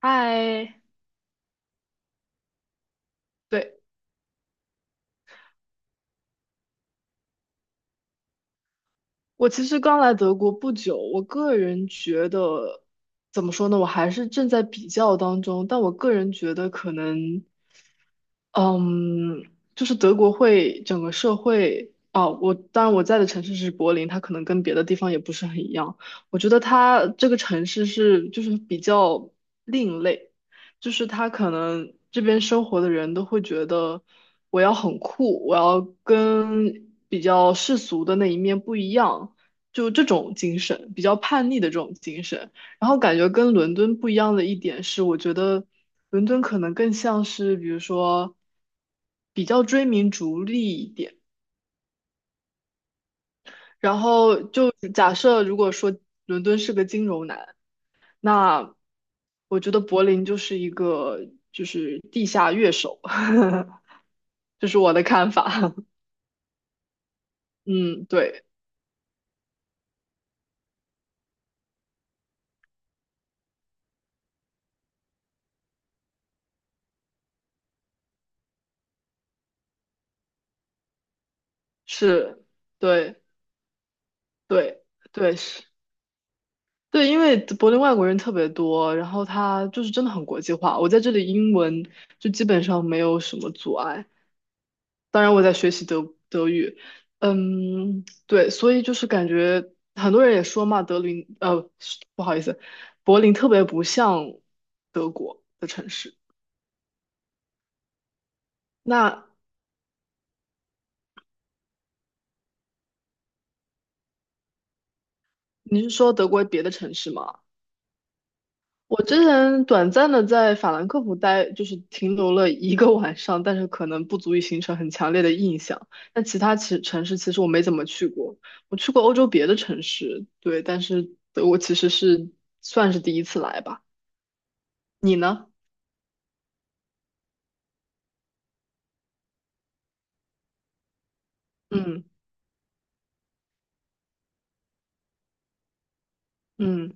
嗨，对，我其实刚来德国不久，我个人觉得怎么说呢，我还是正在比较当中，但我个人觉得可能嗯，就是德国会整个社会啊，我当然我在的城市是柏林，它可能跟别的地方也不是很一样。我觉得它这个城市是就是比较另类，就是它可能这边生活的人都会觉得我要很酷，我要跟比较世俗的那一面不一样，就这种精神，比较叛逆的这种精神。然后感觉跟伦敦不一样的一点是，我觉得伦敦可能更像是，比如说比较追名逐利一点。然后就假设如果说伦敦是个金融男，那我觉得柏林就是一个就是地下乐手，这是我的看法。嗯，对，是，对，对，对，是。对，因为柏林外国人特别多，然后它就是真的很国际化。我在这里英文就基本上没有什么阻碍，当然我在学习德语，嗯，对，所以就是感觉很多人也说嘛，德林，不好意思，柏林特别不像德国的城市。那你是说德国别的城市吗？我之前短暂的在法兰克福待，就是停留了1个晚上，但是可能不足以形成很强烈的印象。但其他城市其实我没怎么去过，我去过欧洲别的城市，对，但是德国其实是算是第一次来吧。你呢？嗯嗯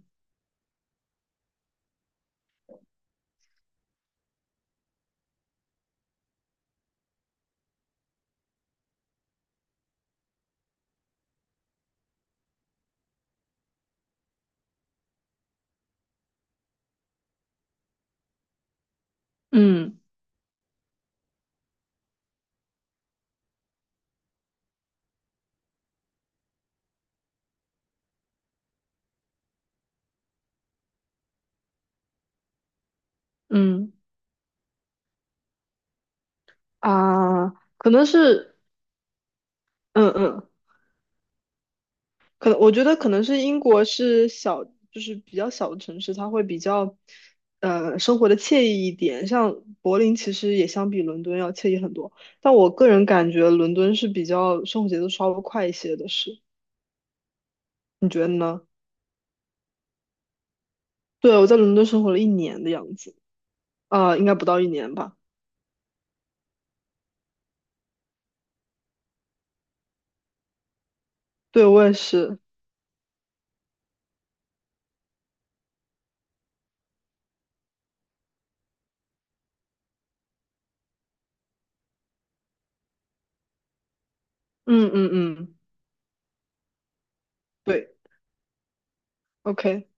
嗯嗯啊，可能是嗯嗯可能我觉得可能是英国是小，就是比较小的城市，它会比较，生活的惬意一点。像柏林其实也相比伦敦要惬意很多，但我个人感觉伦敦是比较生活节奏稍微快一些的是，你觉得呢？对，我在伦敦生活了一年的样子，啊、应该不到一年吧？对，我也是，嗯嗯嗯，对，OK,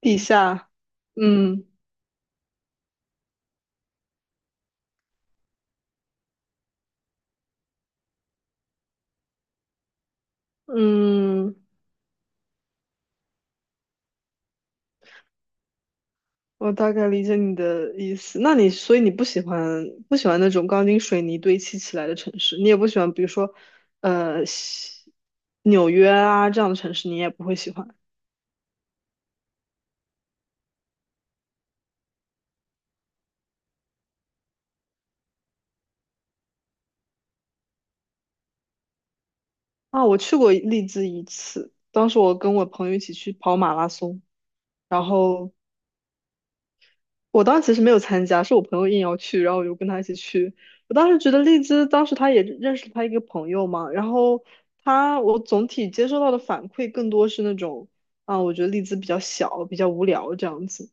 地下，嗯嗯。我大概理解你的意思。那你所以你不喜欢那种钢筋水泥堆砌起来的城市，你也不喜欢，比如说，呃，西纽约啊这样的城市，你也不会喜欢。啊，我去过利兹一次，当时我跟我朋友一起去跑马拉松，然后我当时其实没有参加，是我朋友硬要去，然后我就跟他一起去。我当时觉得丽兹当时他也认识他一个朋友嘛，然后他我总体接收到的反馈更多是那种啊，我觉得丽兹比较小，比较无聊这样子。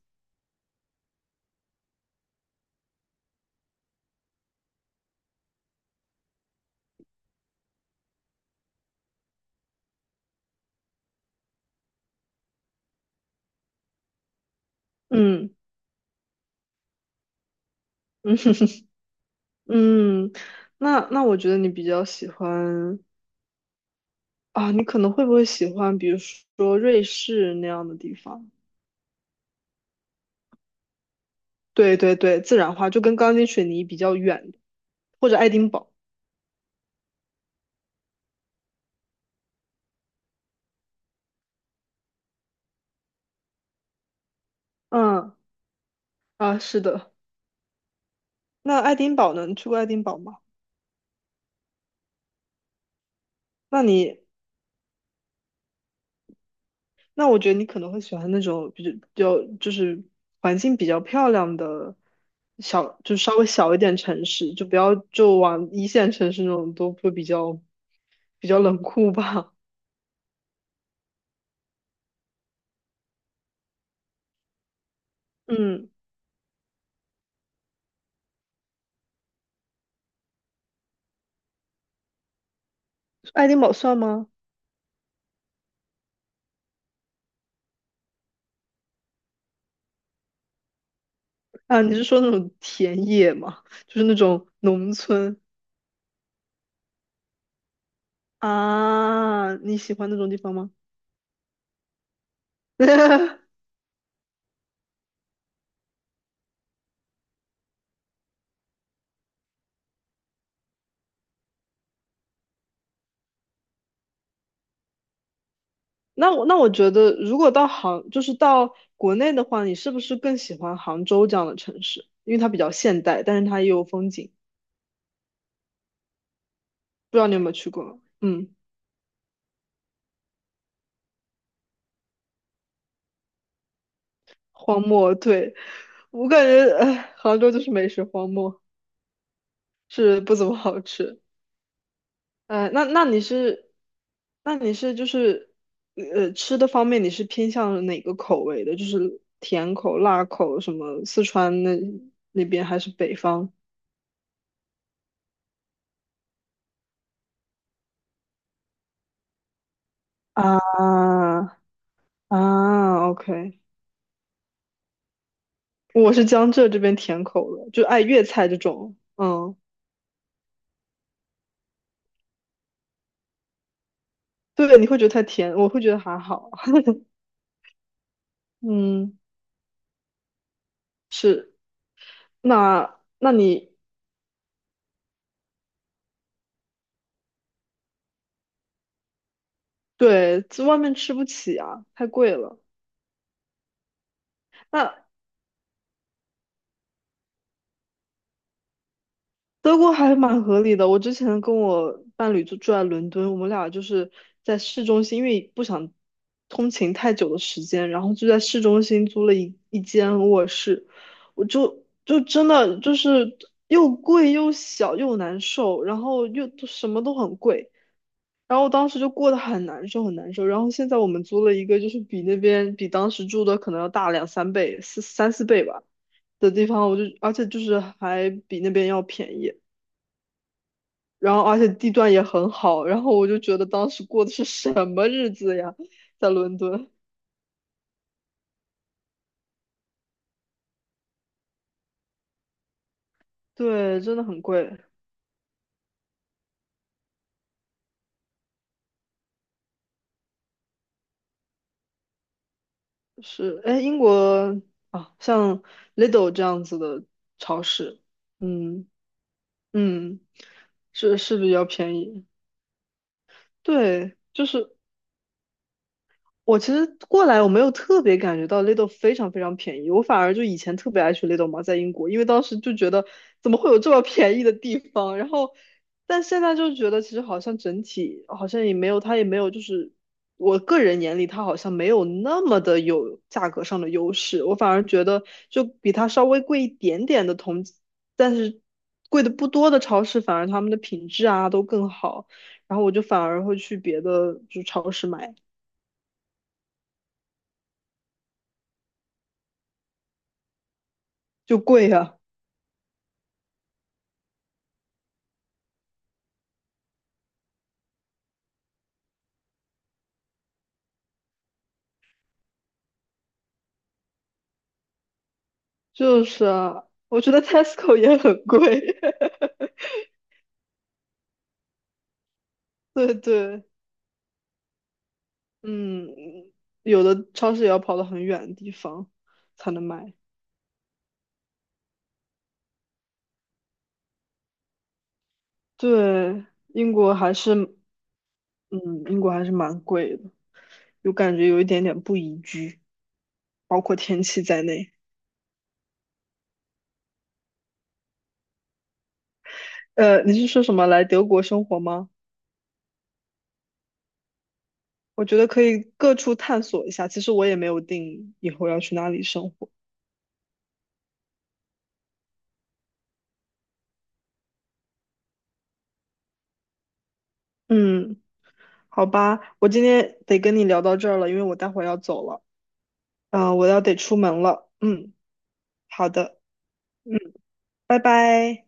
嗯嗯 嗯，那那我觉得你比较喜欢啊，你可能会不会喜欢，比如说瑞士那样的地方？对对对，自然化就跟钢筋水泥比较远，或者爱丁堡。嗯啊，是的。那爱丁堡呢？你去过爱丁堡吗？那你，那我觉得你可能会喜欢那种比较，比较就是环境比较漂亮的小，就稍微小一点城市，就不要就往一线城市那种都会比较比较冷酷吧。嗯，爱丁堡算吗？啊，你是说那种田野吗？就是那种农村啊？你喜欢那种地方吗？那我那我觉得，如果到杭，就是到国内的话，你是不是更喜欢杭州这样的城市？因为它比较现代，但是它也有风景。不知道你有没有去过？嗯，荒漠，对，我感觉，哎，杭州就是美食荒漠，是不怎么好吃。呃，那那你是，那你是就是，呃，吃的方面你是偏向哪个口味的？就是甜口、辣口，什么四川那那边还是北方？啊啊，OK。我是江浙这边甜口的，就爱粤菜这种。嗯，对，你会觉得太甜，我会觉得还好。嗯，是。那那你对，在外面吃不起啊，太贵了。那德国还蛮合理的。我之前跟我伴侣就住在伦敦，我们俩就是在市中心，因为不想通勤太久的时间，然后就在市中心租了一间卧室。我真的就是又贵又小又难受，然后又都什么都很贵，然后我当时就过得很难受。然后现在我们租了一个，就是比那边比当时住的可能要大两三倍、四三四倍吧。的地方，我就而且就是还比那边要便宜。然后而且地段也很好，然后我就觉得当时过的是什么日子呀，在伦敦，对，真的很贵，是，哎，英国啊，像 Lidl 这样子的超市，嗯嗯，是是比较便宜，对，就是我其实过来我没有特别感觉到 Lidl 非常非常便宜，我反而就以前特别爱去 Lidl 嘛，在英国，因为当时就觉得怎么会有这么便宜的地方，然后但现在就觉得其实好像整体好像也没有，它也没有就是我个人眼里它好像没有那么的有价格上的优势，我反而觉得就比它稍微贵一点点的同，但是贵的不多的超市反而他们的品质啊都更好，然后我就反而会去别的就超市买，就贵啊。就是啊，我觉得 Tesco 也很贵。对对，嗯，有的超市也要跑到很远的地方才能买。对，英国还是，嗯，英国还是蛮贵的，有感觉有一点点不宜居，包括天气在内。你是说什么来德国生活吗？我觉得可以各处探索一下。其实我也没有定以后要去哪里生活。嗯，好吧，我今天得跟你聊到这儿了，因为我待会儿要走了。嗯，我要得出门了。嗯，好的，拜拜。